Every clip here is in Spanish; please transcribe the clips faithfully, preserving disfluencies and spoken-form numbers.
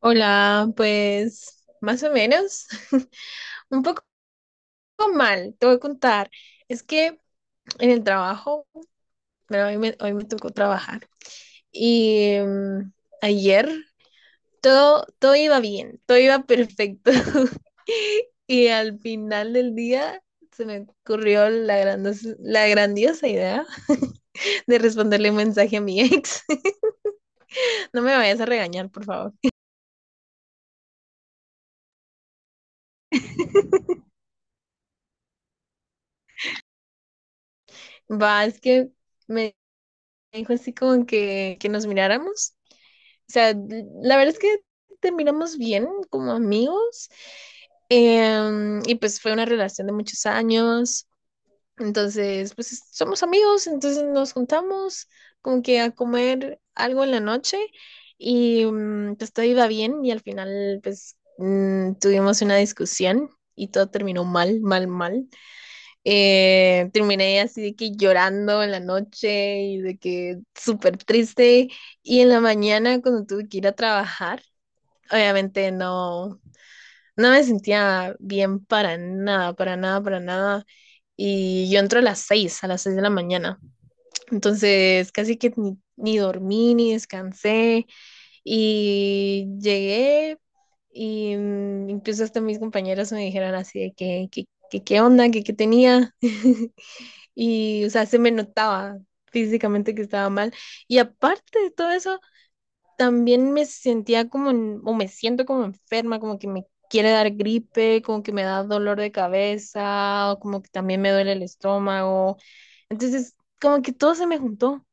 Hola, pues más o menos, un poco mal, te voy a contar. Es que en el trabajo, bueno, hoy me, hoy me tocó trabajar y mm, ayer todo, todo iba bien, todo iba perfecto. Y al final del día se me ocurrió la grandos- la grandiosa idea de responderle un mensaje a mi ex. No me vayas a regañar, por favor. Va, es que me dijo así como que, que nos miráramos. O sea, la verdad es que terminamos bien como amigos. Em, y pues fue una relación de muchos años. Entonces, pues es- somos amigos, entonces nos juntamos como que a comer algo en la noche y mm, pues todo iba bien y al final pues mm, tuvimos una discusión y todo terminó mal, mal, mal. Eh, terminé así de que llorando en la noche y de que súper triste. Y en la mañana cuando tuve que ir a trabajar, obviamente no, no me sentía bien para nada, para nada, para nada. Y yo entro a las seis, a las seis de la mañana. Entonces casi que ni, ni dormí, ni descansé. Y llegué y mm, incluso hasta mis compañeras me dijeron así de que, que, que qué onda, que qué tenía. Y, o sea, se me notaba físicamente que estaba mal. Y aparte de todo eso, también me sentía como, en- o me siento como enferma, como que me quiere dar gripe, como que me da dolor de cabeza, o como que también me duele el estómago. Entonces, como que todo se me juntó.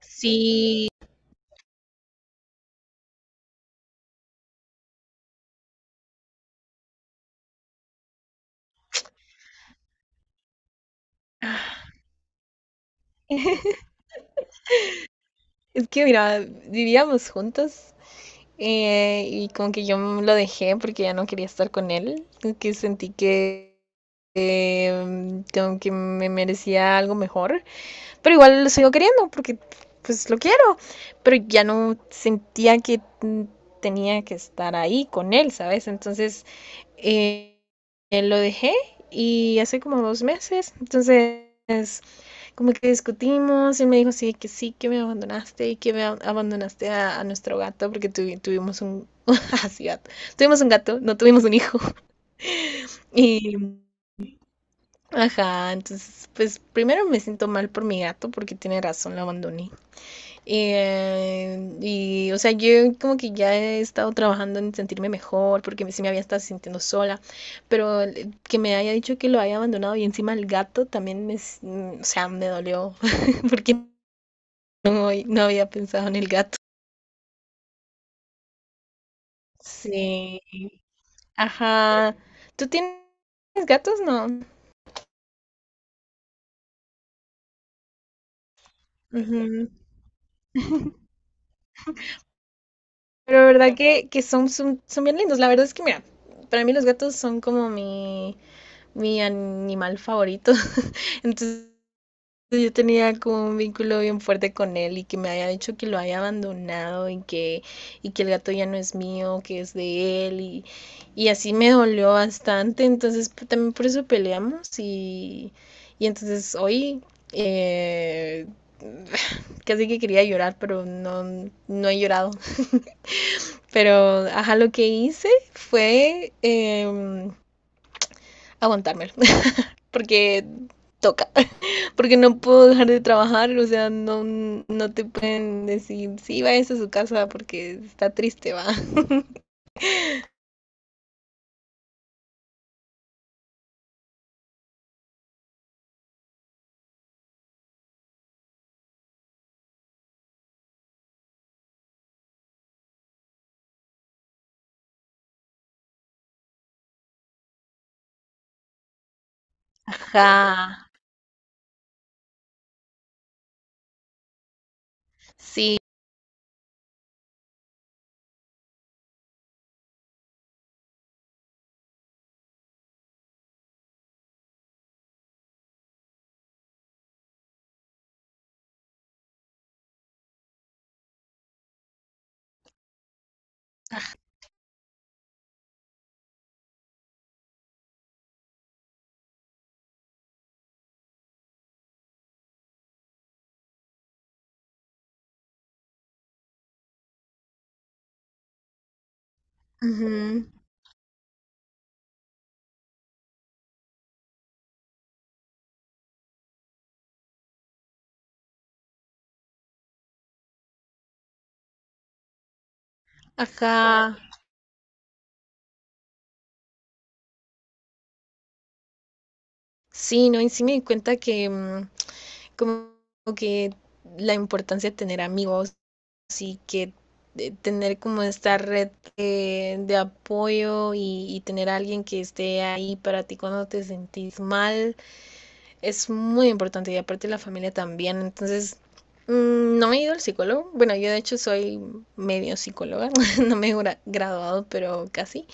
Sí, es que mira, vivíamos juntos eh, y como que yo m- lo dejé porque ya no quería estar con él, como que sentí que eh, como que me merecía algo mejor. Pero igual lo sigo queriendo porque pues lo quiero. Pero ya no sentía que tenía que estar ahí con él, ¿sabes? Entonces eh, lo dejé y hace como dos meses. Entonces como que discutimos y él me dijo sí que sí que me abandonaste y que me abandonaste a, a nuestro gato porque tu, tuvimos un así gato, tuvimos un gato, no tuvimos un hijo. Y ajá, entonces pues primero me siento mal por mi gato porque tiene razón, lo abandoné. Eh, y, o sea, yo como que ya he estado trabajando en sentirme mejor, porque sí me había estado sintiendo sola, pero el- que me haya dicho que lo haya abandonado y encima el gato también me, s- mm, o sea, me dolió, porque no, no había pensado en el gato. Sí, ajá. ¿Tú tienes gatos? No. Ujú. Pero verdad que, que son, son, son bien lindos. La verdad es que, mira, para mí los gatos son como mi, mi animal favorito. Entonces, pues, yo tenía como un vínculo bien fuerte con él y que me haya dicho que lo haya abandonado y que, y que el gato ya no es mío, que es de él, y, y así me dolió bastante, entonces pues, también por eso peleamos, y, y entonces hoy eh, casi que quería llorar, pero no, no he llorado. Pero ajá, lo que hice fue em, aguantármelo. Porque toca, porque no puedo dejar de trabajar, o sea, no, no te pueden decir, sí, vayas a su casa porque está triste, va. Ajá, sí, ujú, ajá, sí, no, y sí me di cuenta que mm, como que la importancia de tener amigos y que de tener como esta red eh, de apoyo y, y tener a alguien que esté ahí para ti cuando te sentís mal es muy importante, y aparte la familia también. Entonces, mm, no he ido al psicólogo. Bueno, yo de hecho soy medio psicóloga, no me he gra- graduado, pero casi.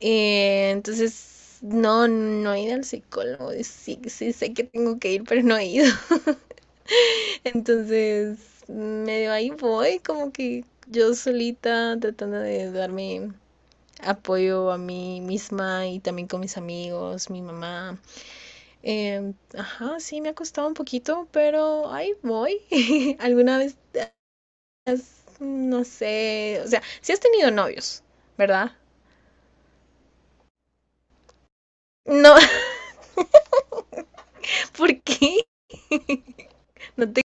Eh, entonces no, no he ido al psicólogo. Sí, sí, sé que tengo que ir, pero no he ido. Entonces, medio ahí voy, como que yo solita tratando de darme apoyo a mí misma y también con mis amigos, mi mamá. Em, ajá, sí, me ha costado un poquito, pero ahí voy. ¿Alguna vez has, no sé, o sea, sí has tenido novios, ¿verdad? No, ¿por qué? No te,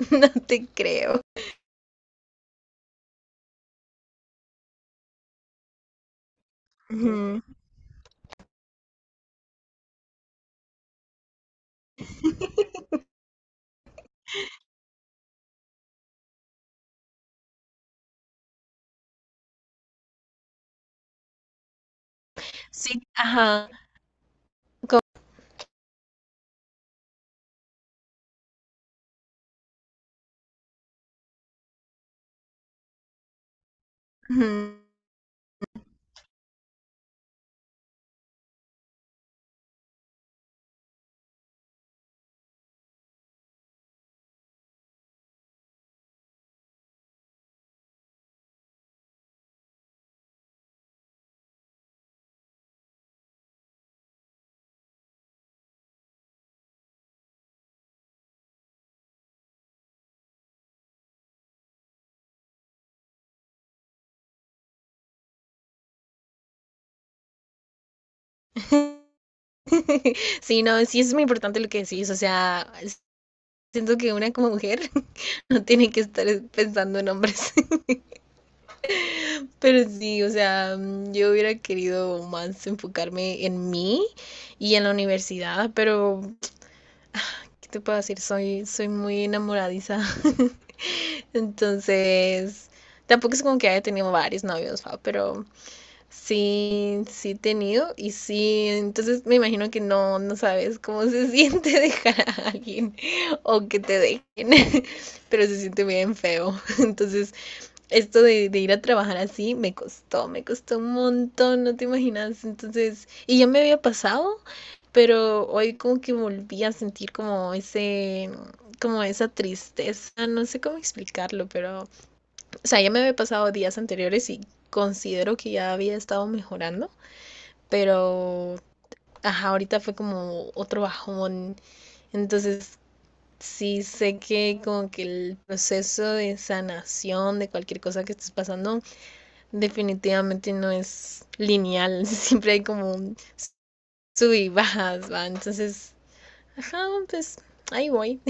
no te creo. Ujú. Sí, ajá. Ujú. Sí, no, sí es muy importante lo que decís, o sea, siento que una como mujer no tiene que estar pensando en hombres. Pero sí, o sea, mm, yo hubiera querido más enfocarme en mí y en la universidad, pero ¿qué te puedo decir? Soy, soy muy enamoradiza. Entonces, tampoco es como que haya tenido varios novios, ¿va? Pero sí, sí he tenido, y sí, entonces me imagino que no, no sabes cómo se siente dejar a alguien o que te dejen, pero se siente bien feo. Entonces, esto de, de, ir a trabajar así me costó, me costó un montón, no te imaginas. Entonces, y ya me había pasado, pero hoy como que volví a sentir como ese, como esa tristeza, no sé cómo explicarlo, pero, o sea, ya me había pasado días anteriores y considero que ya había estado mejorando, pero, ajá, ahorita fue como otro bajón. Entonces, sí sé que como que el proceso de sanación de cualquier cosa que estés pasando definitivamente no es lineal, siempre hay como un sub y bajas, ¿va? Entonces, ajá, pues ahí voy.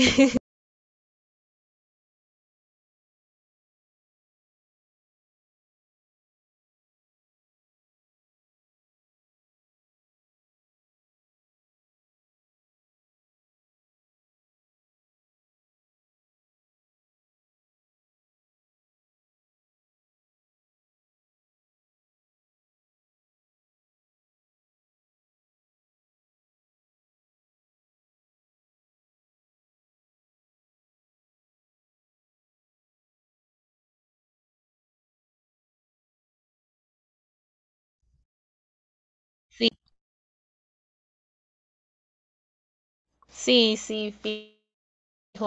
Sí, sí, sí, fijo.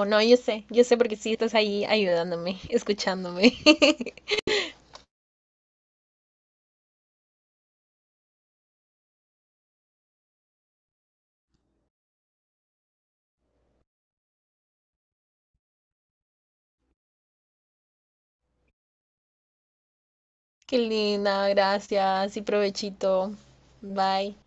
No, yo sé, yo sé porque sí estás ahí ayudándome, escuchándome. Qué linda, gracias y provechito. Bye.